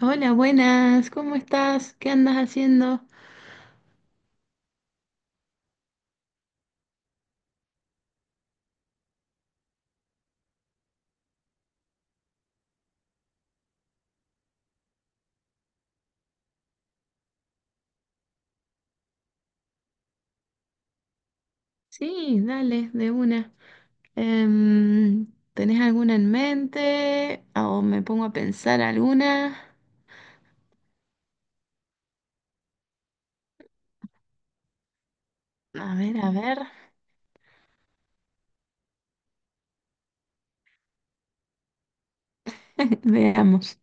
Hola, buenas, ¿cómo estás? ¿Qué andas haciendo? Sí, dale, de una. Em, ¿Tenés alguna en mente? ¿O me pongo a pensar alguna? A ver, veamos.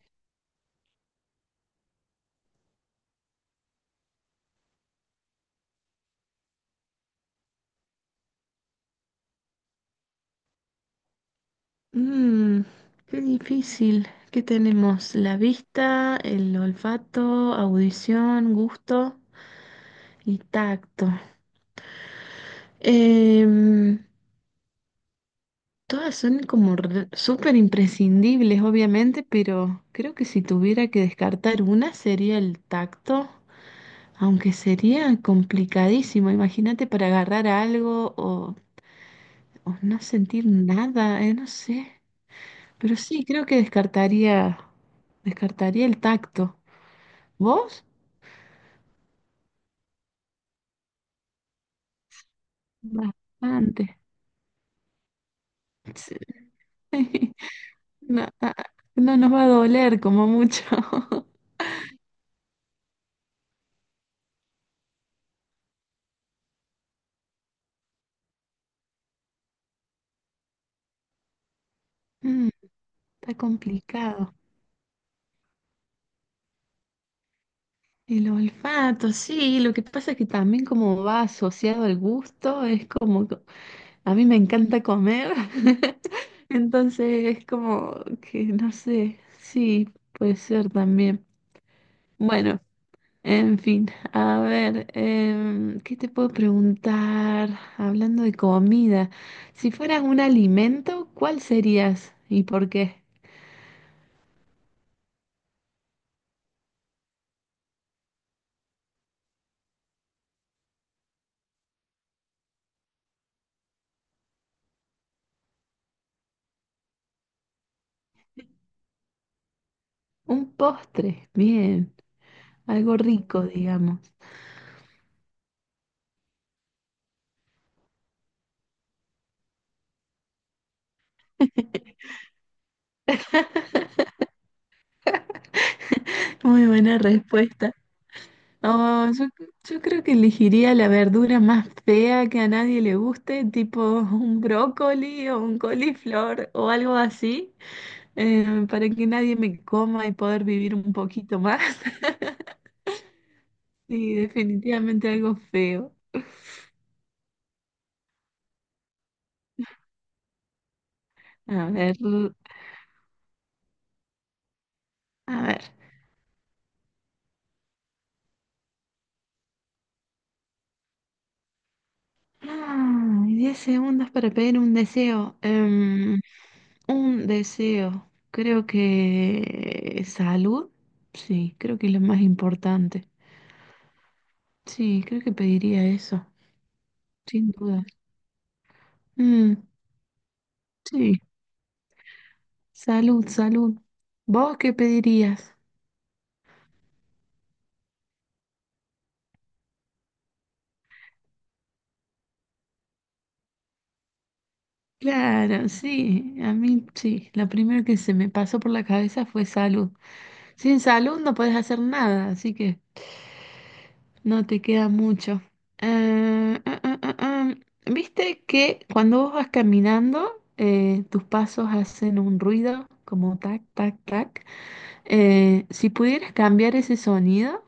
Mm, Qué difícil. ¿Qué tenemos? La vista, el olfato, audición, gusto y tacto. Em, Todas son como súper imprescindibles, obviamente, pero creo que si tuviera que descartar una sería el tacto, aunque sería complicadísimo. Imagínate para agarrar algo o no sentir nada, no sé. Pero sí, creo que descartaría, descartaría el tacto. ¿Vos? Bastante. Sí. No, no nos va a doler como mucho. Mm, Está complicado. El olfato, sí, lo que pasa es que también como va asociado al gusto, es como, a mí me encanta comer, entonces es como que no sé, sí, puede ser también. Bueno, en fin, a ver, ¿qué te puedo preguntar? Hablando de comida, si fueras un alimento, ¿cuál serías y por qué? Un postre, bien, algo rico, digamos. Muy buena respuesta. Oh, yo creo que elegiría la verdura más fea que a nadie le guste, tipo un brócoli o un coliflor o algo así, para que nadie me coma y poder vivir un poquito más. Sí, definitivamente algo feo. A ver, a ver. Ah, 10 segundos para pedir un deseo. Un deseo. Creo que salud. Sí, creo que es lo más importante. Sí, creo que pediría eso. Sin duda. Mm, sí, salud, salud. ¿Vos qué pedirías? Claro, sí, a mí sí. La primera que se me pasó por la cabeza fue salud. Sin salud no puedes hacer nada, así que no te queda mucho. Eh, ah, ah, ah, ah. ¿Viste que cuando vos vas caminando, tus pasos hacen un ruido como tac, tac, tac? Si pudieras cambiar ese sonido,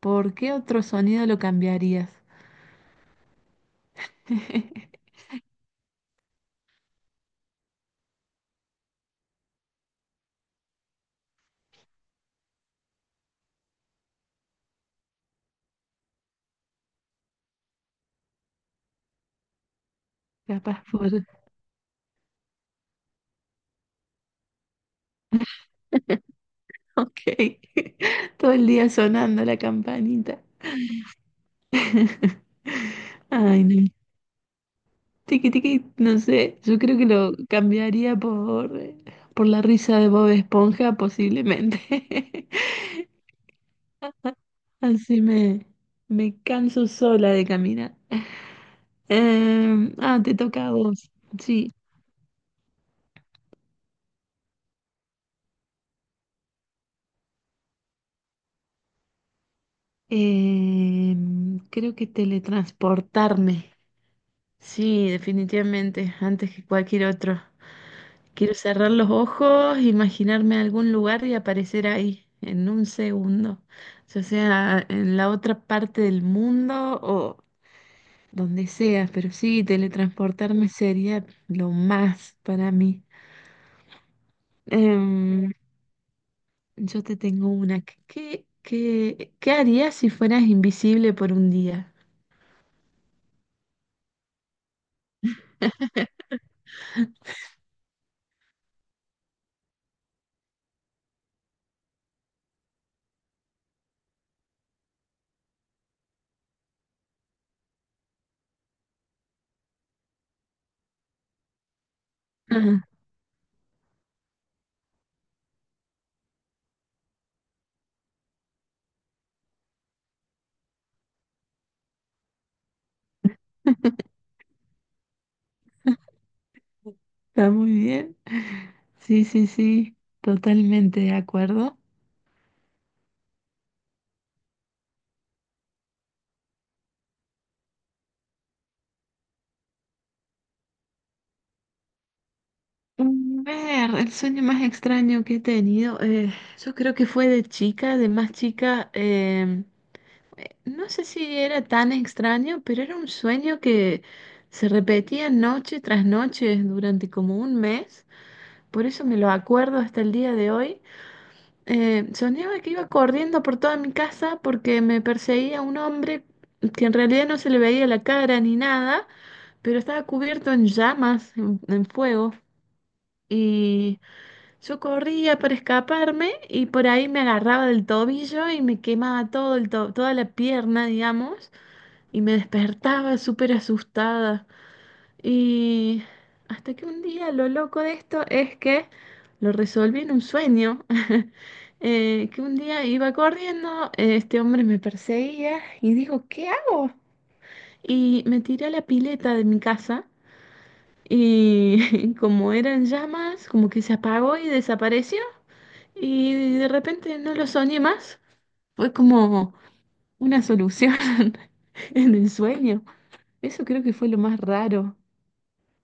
¿por qué otro sonido lo cambiarías? Capaz por... Ok. Todo el día sonando la campanita. Ay, no. Tiki, tiki, no sé. Yo creo que lo cambiaría por la risa de Bob Esponja, posiblemente. Así me canso sola de caminar. Te toca a vos. Sí. Creo que teletransportarme. Sí, definitivamente, antes que cualquier otro. Quiero cerrar los ojos, imaginarme algún lugar y aparecer ahí en un segundo, ya sea en la otra parte del mundo o donde sea, pero sí, teletransportarme sería lo más para mí. Em, yo te tengo una. ¿Qué harías si fueras invisible por un día? Está muy bien. Sí, sí, sí, totalmente de acuerdo. A ver, el sueño más extraño que he tenido, yo creo que fue de chica, de más chica, no sé si era tan extraño, pero era un sueño que se repetía noche tras noche durante como un mes, por eso me lo acuerdo hasta el día de hoy. Soñaba que iba corriendo por toda mi casa porque me perseguía un hombre que en realidad no se le veía la cara ni nada, pero estaba cubierto en llamas, en fuego. Y yo corría para escaparme y por ahí me agarraba del tobillo y me quemaba todo el toda la pierna, digamos, y me despertaba súper asustada. Y hasta que un día lo loco de esto es que lo resolví en un sueño. Que un día iba corriendo, este hombre me perseguía y digo, ¿qué hago? Y me tiré a la pileta de mi casa y como eran llamas, como que se apagó y desapareció. Y de repente no lo soñé más. Fue como una solución en el sueño. Eso creo que fue lo más raro.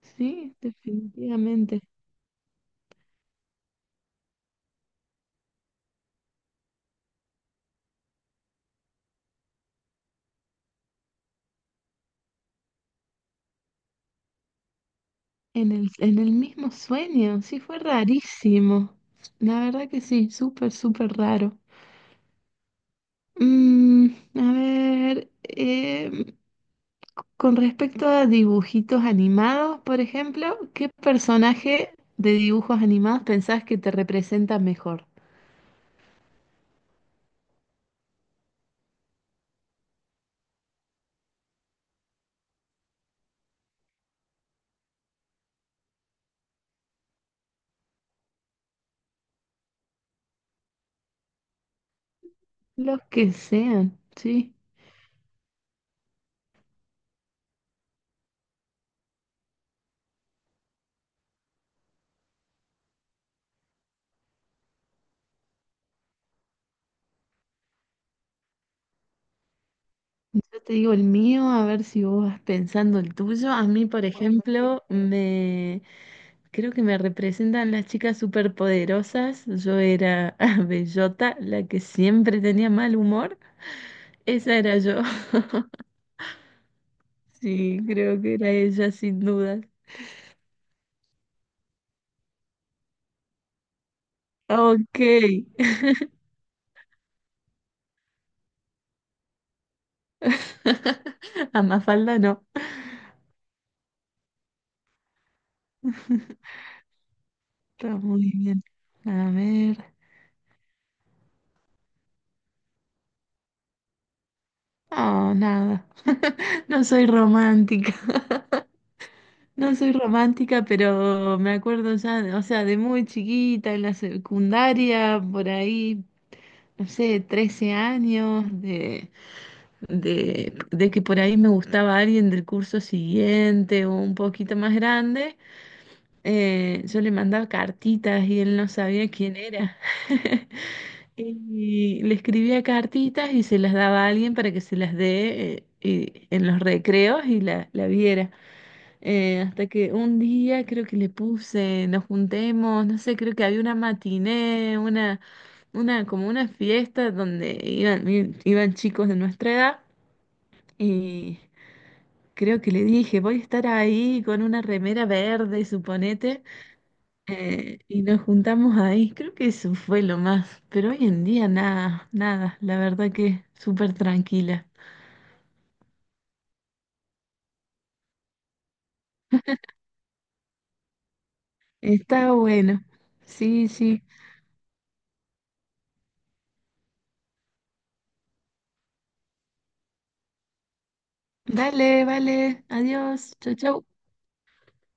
Sí, definitivamente. En el mismo sueño. Sí, fue rarísimo. La verdad que sí, súper, súper raro. Mm, a ver, con respecto a dibujitos animados, por ejemplo, ¿qué personaje de dibujos animados pensás que te representa mejor? Los que sean, sí. Yo te digo el mío, a ver si vos vas pensando el tuyo. A mí, por ejemplo, me creo que me representan las chicas superpoderosas. Yo era Bellota, la que siempre tenía mal humor. Esa era yo. Sí, creo que era ella, sin duda. Ok. A Mafalda no. Está muy bien. A ver. Oh, nada. No soy romántica. No soy romántica, pero me acuerdo ya, o sea, de muy chiquita, en la secundaria, por ahí, no sé, 13 años, de que por ahí me gustaba alguien del curso siguiente o un poquito más grande. Yo le mandaba cartitas y él no sabía quién era. Y le escribía cartitas y se las daba a alguien para que se las dé en los recreos y la viera. Hasta que un día creo que le puse, nos juntemos, no sé, creo que había una matiné, como una fiesta donde iban chicos de nuestra edad y creo que le dije, voy a estar ahí con una remera verde, suponete, y nos juntamos ahí. Creo que eso fue lo más, pero hoy en día nada, nada, la verdad que súper tranquila. Está bueno. Sí, sí. Dale, vale. Adiós. Chau, chau.